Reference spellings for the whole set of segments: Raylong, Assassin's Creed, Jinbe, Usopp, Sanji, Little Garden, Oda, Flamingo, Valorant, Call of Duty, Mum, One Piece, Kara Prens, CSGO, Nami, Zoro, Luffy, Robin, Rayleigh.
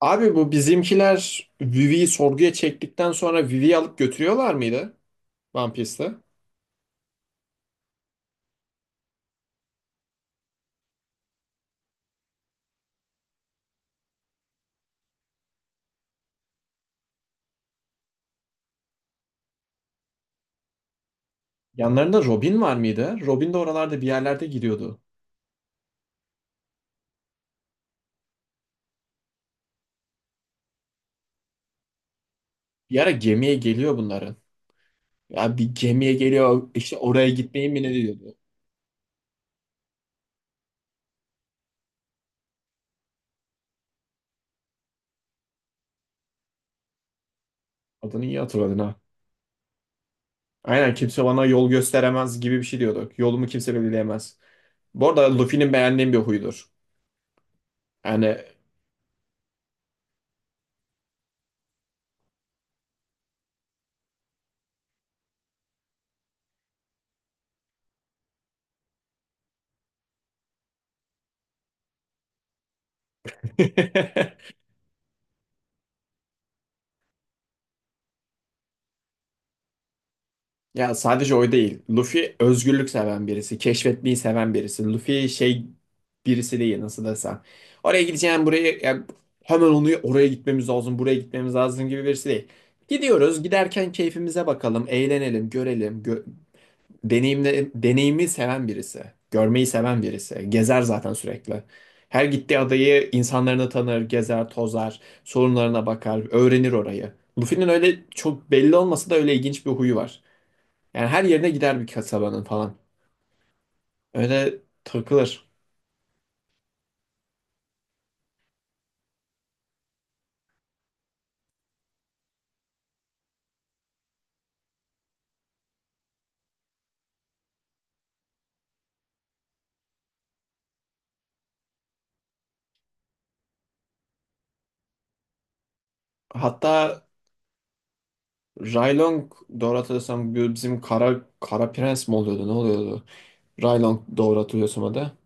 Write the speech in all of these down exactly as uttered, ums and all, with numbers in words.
Abi bu bizimkiler Vivi'yi sorguya çektikten sonra Vivi'yi alıp götürüyorlar mıydı One Piece'te? Yanlarında Robin var mıydı? Robin de oralarda bir yerlerde gidiyordu. Bir ara gemiye geliyor bunların. Ya bir gemiye geliyor işte oraya gitmeyin mi ne diyordu. Adını iyi hatırladın, ha. Aynen, kimse bana yol gösteremez gibi bir şey diyorduk. Yolumu kimse belirleyemez. Bu arada Luffy'nin beğendiğim bir huydur. Yani ya sadece o değil. Luffy özgürlük seven birisi, keşfetmeyi seven birisi. Luffy şey birisi değil, nasıl desem. Oraya gideceğim, buraya ya hemen onu oraya gitmemiz lazım, buraya gitmemiz lazım gibi birisi değil. Gidiyoruz, giderken keyfimize bakalım, eğlenelim, görelim. Gö deneyimle, deneyimi seven birisi, görmeyi seven birisi. Gezer zaten sürekli. Her gittiği adayı, insanlarını tanır, gezer, tozar, sorunlarına bakar, öğrenir orayı. Luffy'nin öyle çok belli olmasa da öyle ilginç bir huyu var. Yani her yerine gider bir kasabanın falan. Öyle takılır. Hatta Raylong, doğru hatırlıyorsam, bu bizim Kara, Kara Prens mi oluyordu ne oluyordu? Raylong doğru hatırlıyorsam adı.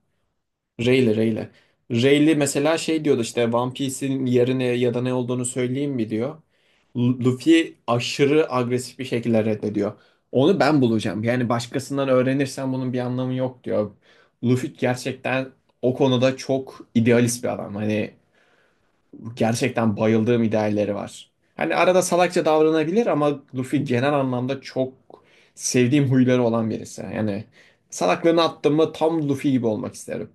Rayleigh Rayleigh. Rayleigh mesela şey diyordu işte One Piece'in yerine ya da ne olduğunu söyleyeyim mi diyor. Lu- Luffy aşırı agresif bir şekilde reddediyor. Onu ben bulacağım. Yani başkasından öğrenirsen bunun bir anlamı yok diyor. Luffy gerçekten o konuda çok idealist bir adam. Hani gerçekten bayıldığım idealleri var. Hani arada salakça davranabilir ama Luffy genel anlamda çok sevdiğim huyları olan birisi. Yani salaklığını attım mı tam Luffy gibi olmak isterim.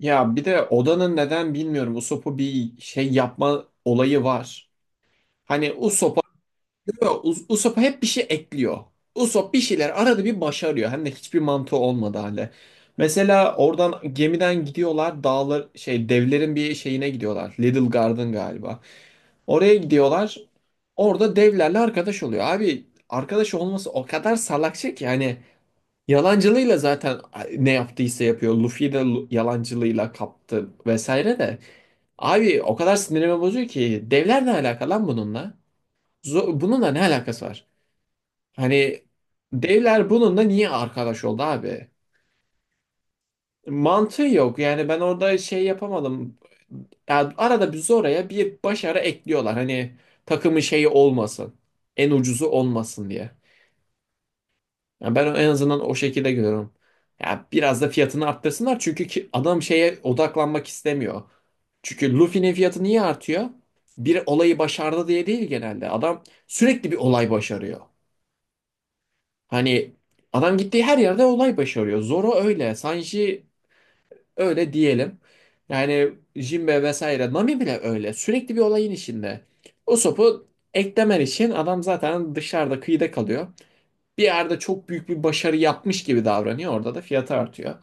Ya bir de Oda'nın neden bilmiyorum Usopp'u bir şey yapma olayı var. Hani Usopp'a, yo, Us- Usopp'a hep bir şey ekliyor. Usopp bir şeyler arada bir başarıyor. Hem de hiçbir mantığı olmadı hale. Mesela oradan gemiden gidiyorlar, dağlar, şey, devlerin bir şeyine gidiyorlar. Little Garden galiba. Oraya gidiyorlar. Orada devlerle arkadaş oluyor. Abi arkadaş olması o kadar salakça ki hani yalancılığıyla zaten ne yaptıysa yapıyor. Luffy de lu- yalancılığıyla kaptı vesaire de. Abi o kadar sinirimi bozuyor ki devler ne alaka lan bununla? Zo- bununla ne alakası var? Hani devler bununla niye arkadaş oldu abi? Mantığı yok. Yani ben orada şey yapamadım. Yani arada bir oraya bir başarı ekliyorlar. Hani takımın şeyi olmasın. En ucuzu olmasın diye. Yani ben en azından o şekilde görüyorum. Ya biraz da fiyatını arttırsınlar çünkü ki adam şeye odaklanmak istemiyor. Çünkü Luffy'nin fiyatı niye artıyor? Bir olayı başardı diye değil genelde. Adam sürekli bir olay başarıyor. Hani adam gittiği her yerde olay başarıyor. Zoro öyle. Sanji öyle diyelim. Yani Jinbe vesaire Nami bile öyle. Sürekli bir olayın içinde. O sopu eklemen için adam zaten dışarıda, kıyıda kalıyor. Bir yerde çok büyük bir başarı yapmış gibi davranıyor. Orada da fiyatı artıyor.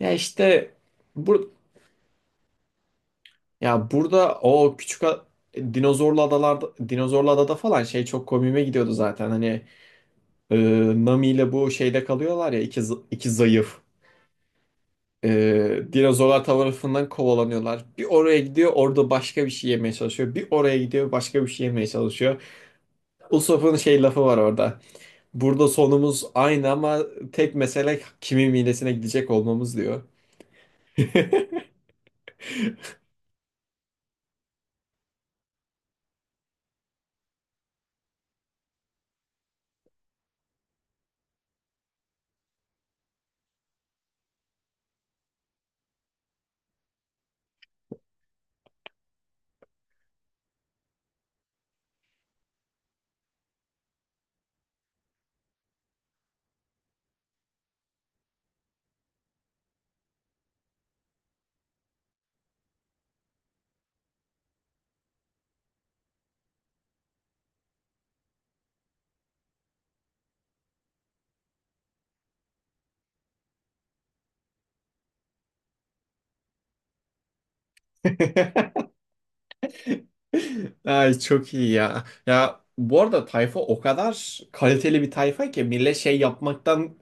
Ya işte bu, ya burada o küçük a- dinozorlu adalarda, dinozorlu adada falan şey çok komiğime gidiyordu zaten. Hani e, Nami ile bu şeyde kalıyorlar ya, iki, zı- iki zayıf. Ee, dinozorlar tarafından kovalanıyorlar. Bir oraya gidiyor, orada başka bir şey yemeye çalışıyor. Bir oraya gidiyor, başka bir şey yemeye çalışıyor. Usopp'un şey lafı var orada. Burada sonumuz aynı ama tek mesele kimin midesine gidecek olmamız diyor. Ay çok iyi ya. Ya bu arada tayfa o kadar kaliteli bir tayfa ki millet şey yapmaktan,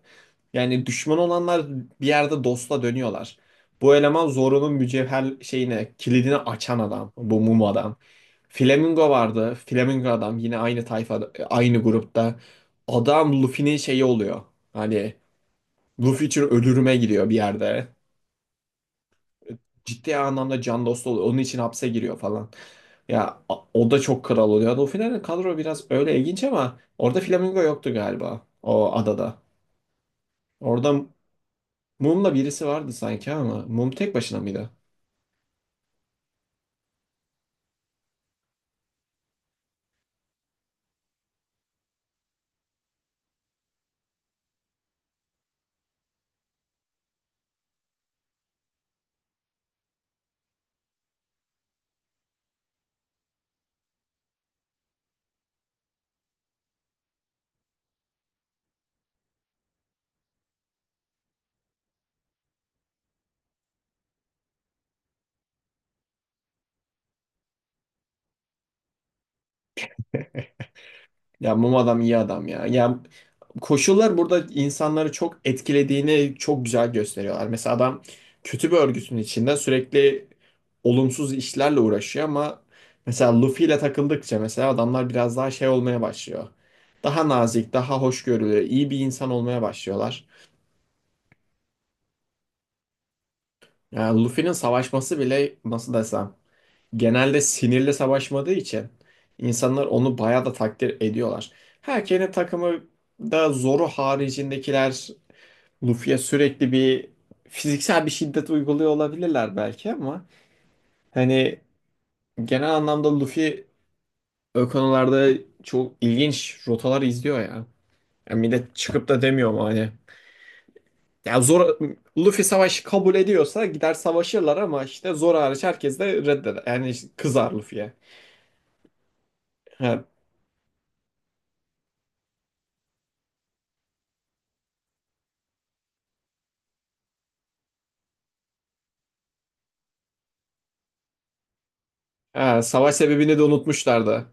yani düşman olanlar bir yerde dostla dönüyorlar. Bu eleman Zoro'nun mücevher şeyine kilidini açan adam. Bu mum adam. Flamingo vardı. Flamingo adam yine aynı tayfa, aynı grupta. Adam Luffy'nin şeyi oluyor. Hani Luffy için ölürüme gidiyor bir yerde. Ciddi anlamda can dostu oluyor. Onun için hapse giriyor falan. Ya a- o da çok kral oluyor. O finalde kadro biraz öyle ilginç ama orada Flamingo yoktu galiba o adada. Orada Mum'la birisi vardı sanki, ama Mum tek başına mıydı? Ya Mum adam iyi adam ya. Ya koşullar burada insanları çok etkilediğini çok güzel gösteriyorlar. Mesela adam kötü bir örgütün içinde sürekli olumsuz işlerle uğraşıyor ama mesela Luffy ile takıldıkça mesela adamlar biraz daha şey olmaya başlıyor. Daha nazik, daha hoşgörülü, iyi bir insan olmaya başlıyorlar. Yani Luffy'nin savaşması bile nasıl desem, genelde sinirli savaşmadığı için insanlar onu bayağı da takdir ediyorlar. Her takımı da zoru haricindekiler Luffy'ye sürekli bir fiziksel bir şiddet uyguluyor olabilirler belki ama hani genel anlamda Luffy o konularda çok ilginç rotalar izliyor ya. Yani millet çıkıp da demiyor mu hani ya zor Luffy savaşı kabul ediyorsa gider savaşırlar ama işte zor hariç herkes de reddeder. Yani işte kızar Luffy'ye. Ha. ha, savaş sebebini de unutmuşlardı.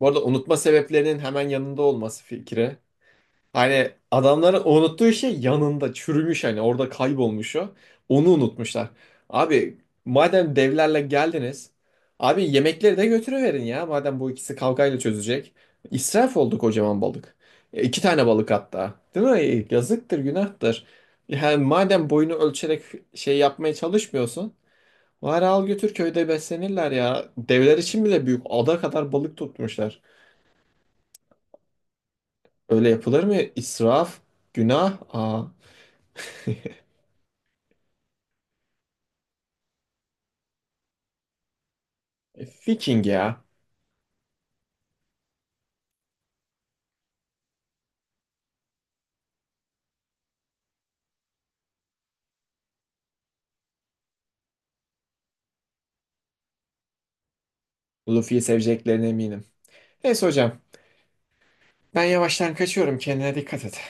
Bu arada unutma sebeplerinin hemen yanında olması fikri. Hani adamların unuttuğu şey yanında çürümüş, hani orada kaybolmuş o. Onu unutmuşlar. Abi madem devlerle geldiniz. Abi yemekleri de götürüverin ya. Madem bu ikisi kavgayla çözecek. İsraf oldu kocaman balık. E, iki tane balık hatta. Değil mi? E, Yazıktır, günahtır. Yani madem boyunu ölçerek şey yapmaya çalışmıyorsun. Bari al götür, köyde beslenirler ya. Devler için bile büyük ada kadar balık tutmuşlar. Öyle yapılır mı? İsraf, günah. Aa. E, Viking ya. Luffy'yi seveceklerine eminim. Neyse hocam. Ben yavaştan kaçıyorum. Kendine dikkat et.